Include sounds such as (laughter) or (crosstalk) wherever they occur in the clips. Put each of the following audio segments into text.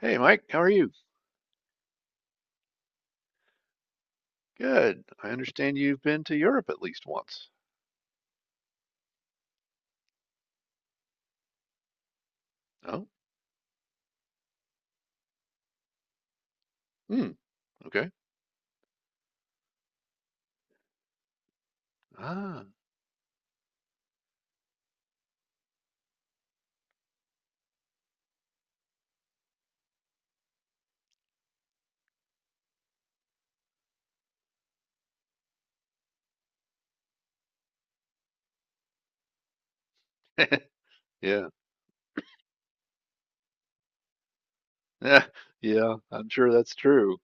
Hey Mike, how are you? Good. I understand you've been to Europe at least once. Oh, hmm, okay. Ah, (laughs) yeah, yeah, yeah. I'm sure that's true.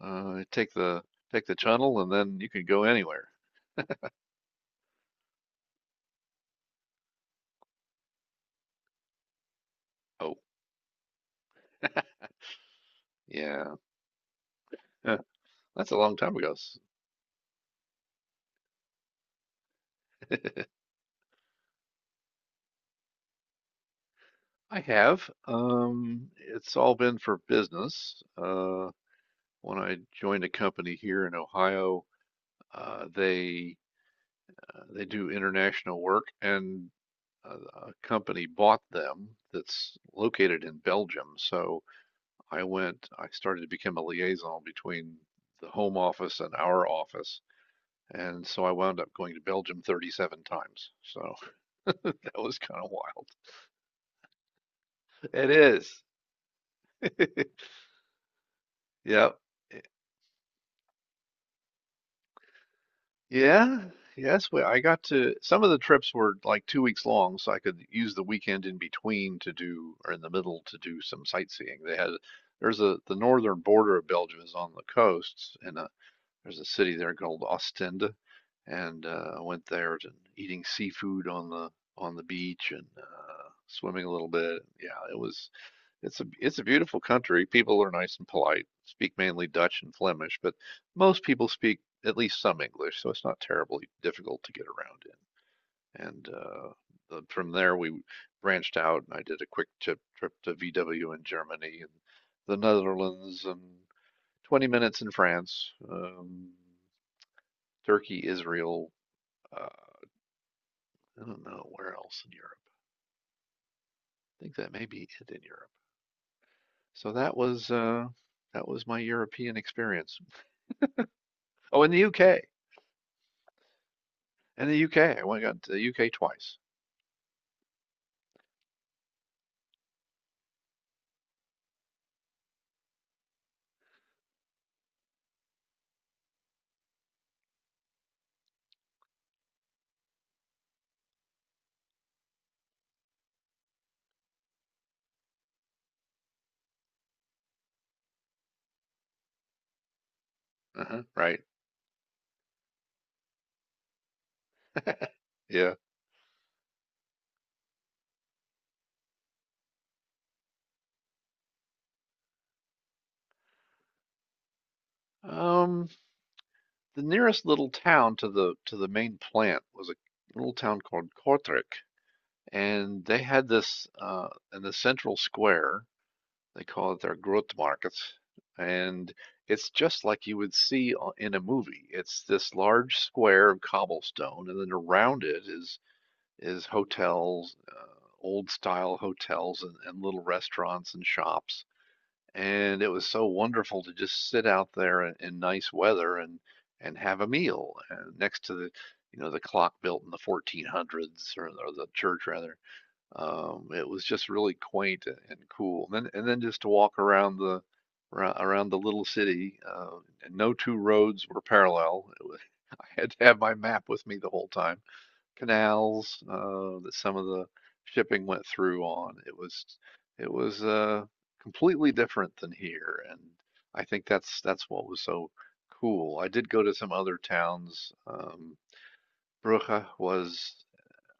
Take the take the tunnel and then you can go anywhere. Oh, (laughs) yeah, huh, that's a long time ago. I have. It's all been for business. When I joined a company here in Ohio, they they do international work, and a, company bought them that's located in Belgium. So I went, I started to become a liaison between the home office and our office. And so I wound up going to Belgium 37 times. So (laughs) that was kind of wild. It is. (laughs) Yep. Yeah. Yes. I got to, some of the trips were like 2 weeks long, so I could use the weekend in between to do, or in the middle to do some sightseeing. They had, there's a, the northern border of Belgium is on the coast, and there's a city there called Ostende, and I went there and eating seafood on the beach and swimming a little bit. Yeah, it was it's a beautiful country. People are nice and polite. Speak mainly Dutch and Flemish, but most people speak at least some English, so it's not terribly difficult to get around in. And uh, from there we branched out, and I did a quick trip to VW in Germany and the Netherlands and 20 minutes in France. Turkey, Israel, uh, I don't know where else in Europe. I think that may be it in Europe. So that was uh, that was my European experience. Oh, in the UK. In the UK, I went got to the UK twice. Uh-huh, right. Yeah. Um, the nearest little town to the main plant was a little town called Kortrijk, and they had this in the central square. They call it their growth market. And it's just like you would see in a movie. It's this large square of cobblestone, and then around it is hotels, old style hotels and little restaurants and shops. And it was so wonderful to just sit out there in nice weather and have a meal next to the you know the clock built in the 1400s or the church rather. It was just really quaint and cool. And then just to walk around the little city, and no two roads were parallel. (laughs) I had to have my map with me the whole time. Canals that some of the shipping went through on. It was it was uh, completely different than here, and I think that's what was so cool. I did go to some other towns. Brugge was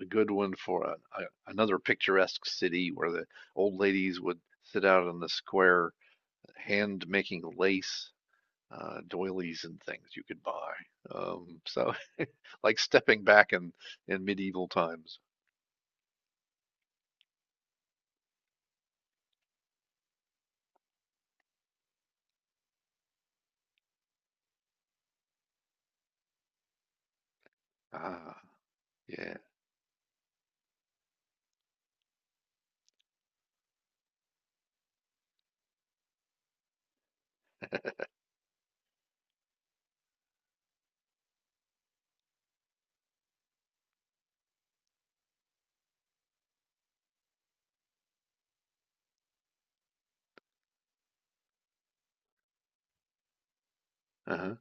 a good one for another picturesque city where the old ladies would sit out on the square, hand making lace, doilies and things you could buy. So (laughs) like stepping back in medieval times. Ah, yeah, uh-huh,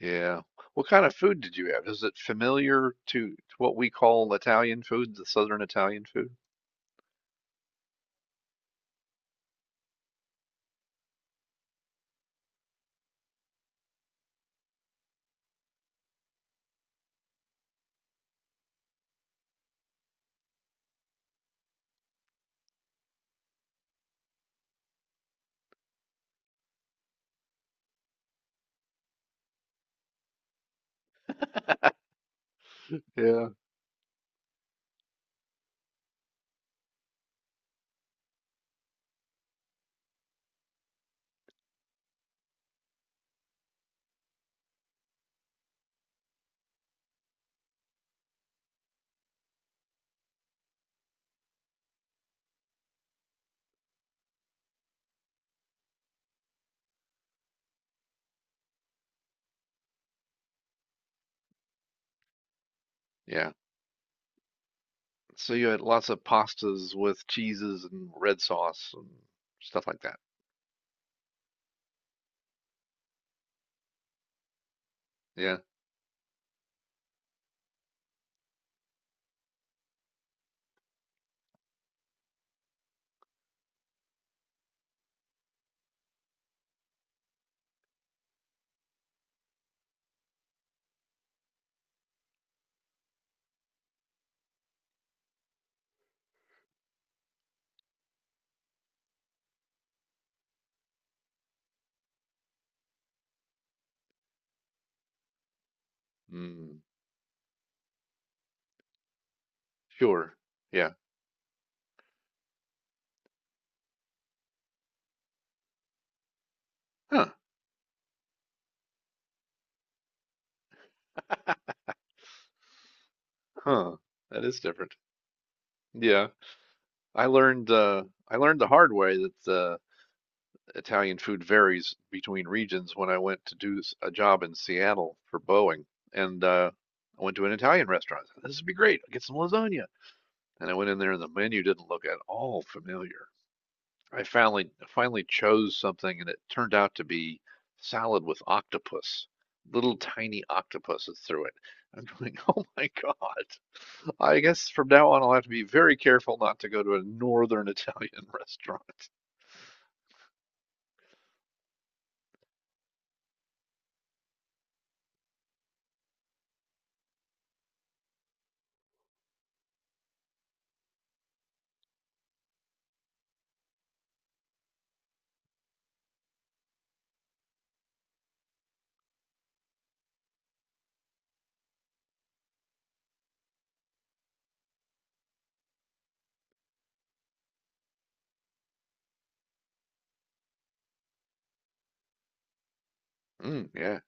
yeah. What kind of food did you have? Is it familiar to what we call Italian food, the Southern Italian food? Yeah, yeah. So you had lots of pastas with cheeses and red sauce and stuff like that. Yeah. Mm, sure. Yeah. Huh. (laughs) Huh. That is different. Yeah. I learned the hard way that Italian food varies between regions when I went to do a job in Seattle for Boeing. And I went to an Italian restaurant. I said, "This would be great. I'll get some lasagna." And I went in there and the menu didn't look at all familiar. I finally chose something, and it turned out to be salad with octopus, little tiny octopuses through it. (laughs) I'm going, oh my God. I guess from now on, I'll have to be very careful not to go to a northern (laughs) Italian restaurant. Mm, yeah.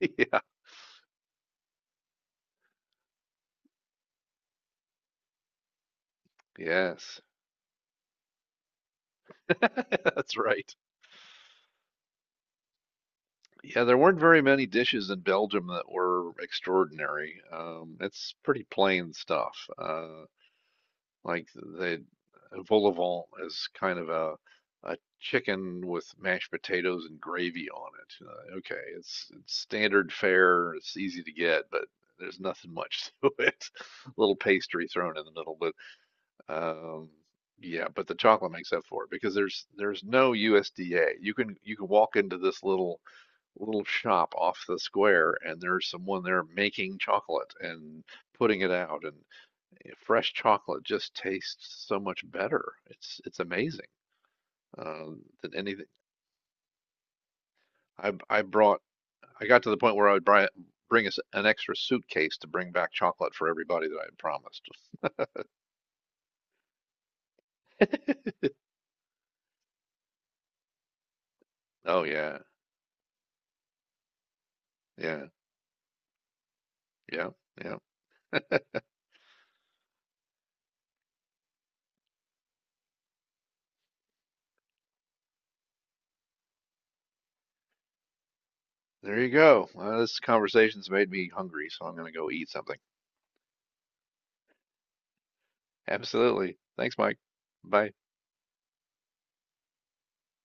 Yeah. Yes. (laughs) That's right. Yeah, there weren't very many dishes in Belgium that were extraordinary. It's pretty plain stuff. Like the vol au vent is kind of a chicken with mashed potatoes and gravy on it. Okay, it's standard fare. It's easy to get, but there's nothing much to it. (laughs) A little pastry thrown in the middle, but um, yeah, but the chocolate makes up for it because there's no USDA. You can walk into this little shop off the square and there's someone there making chocolate and putting it out and you know, fresh chocolate just tastes so much better. It's amazing, than anything. I brought. I got to the point where I would bring us an extra suitcase to bring back chocolate for everybody that I had promised. (laughs) Oh yeah, yeah, yeah, yeah. There you go. Well, this conversation's made me hungry, so I'm gonna go eat something. Absolutely. Thanks, Mike. Bye.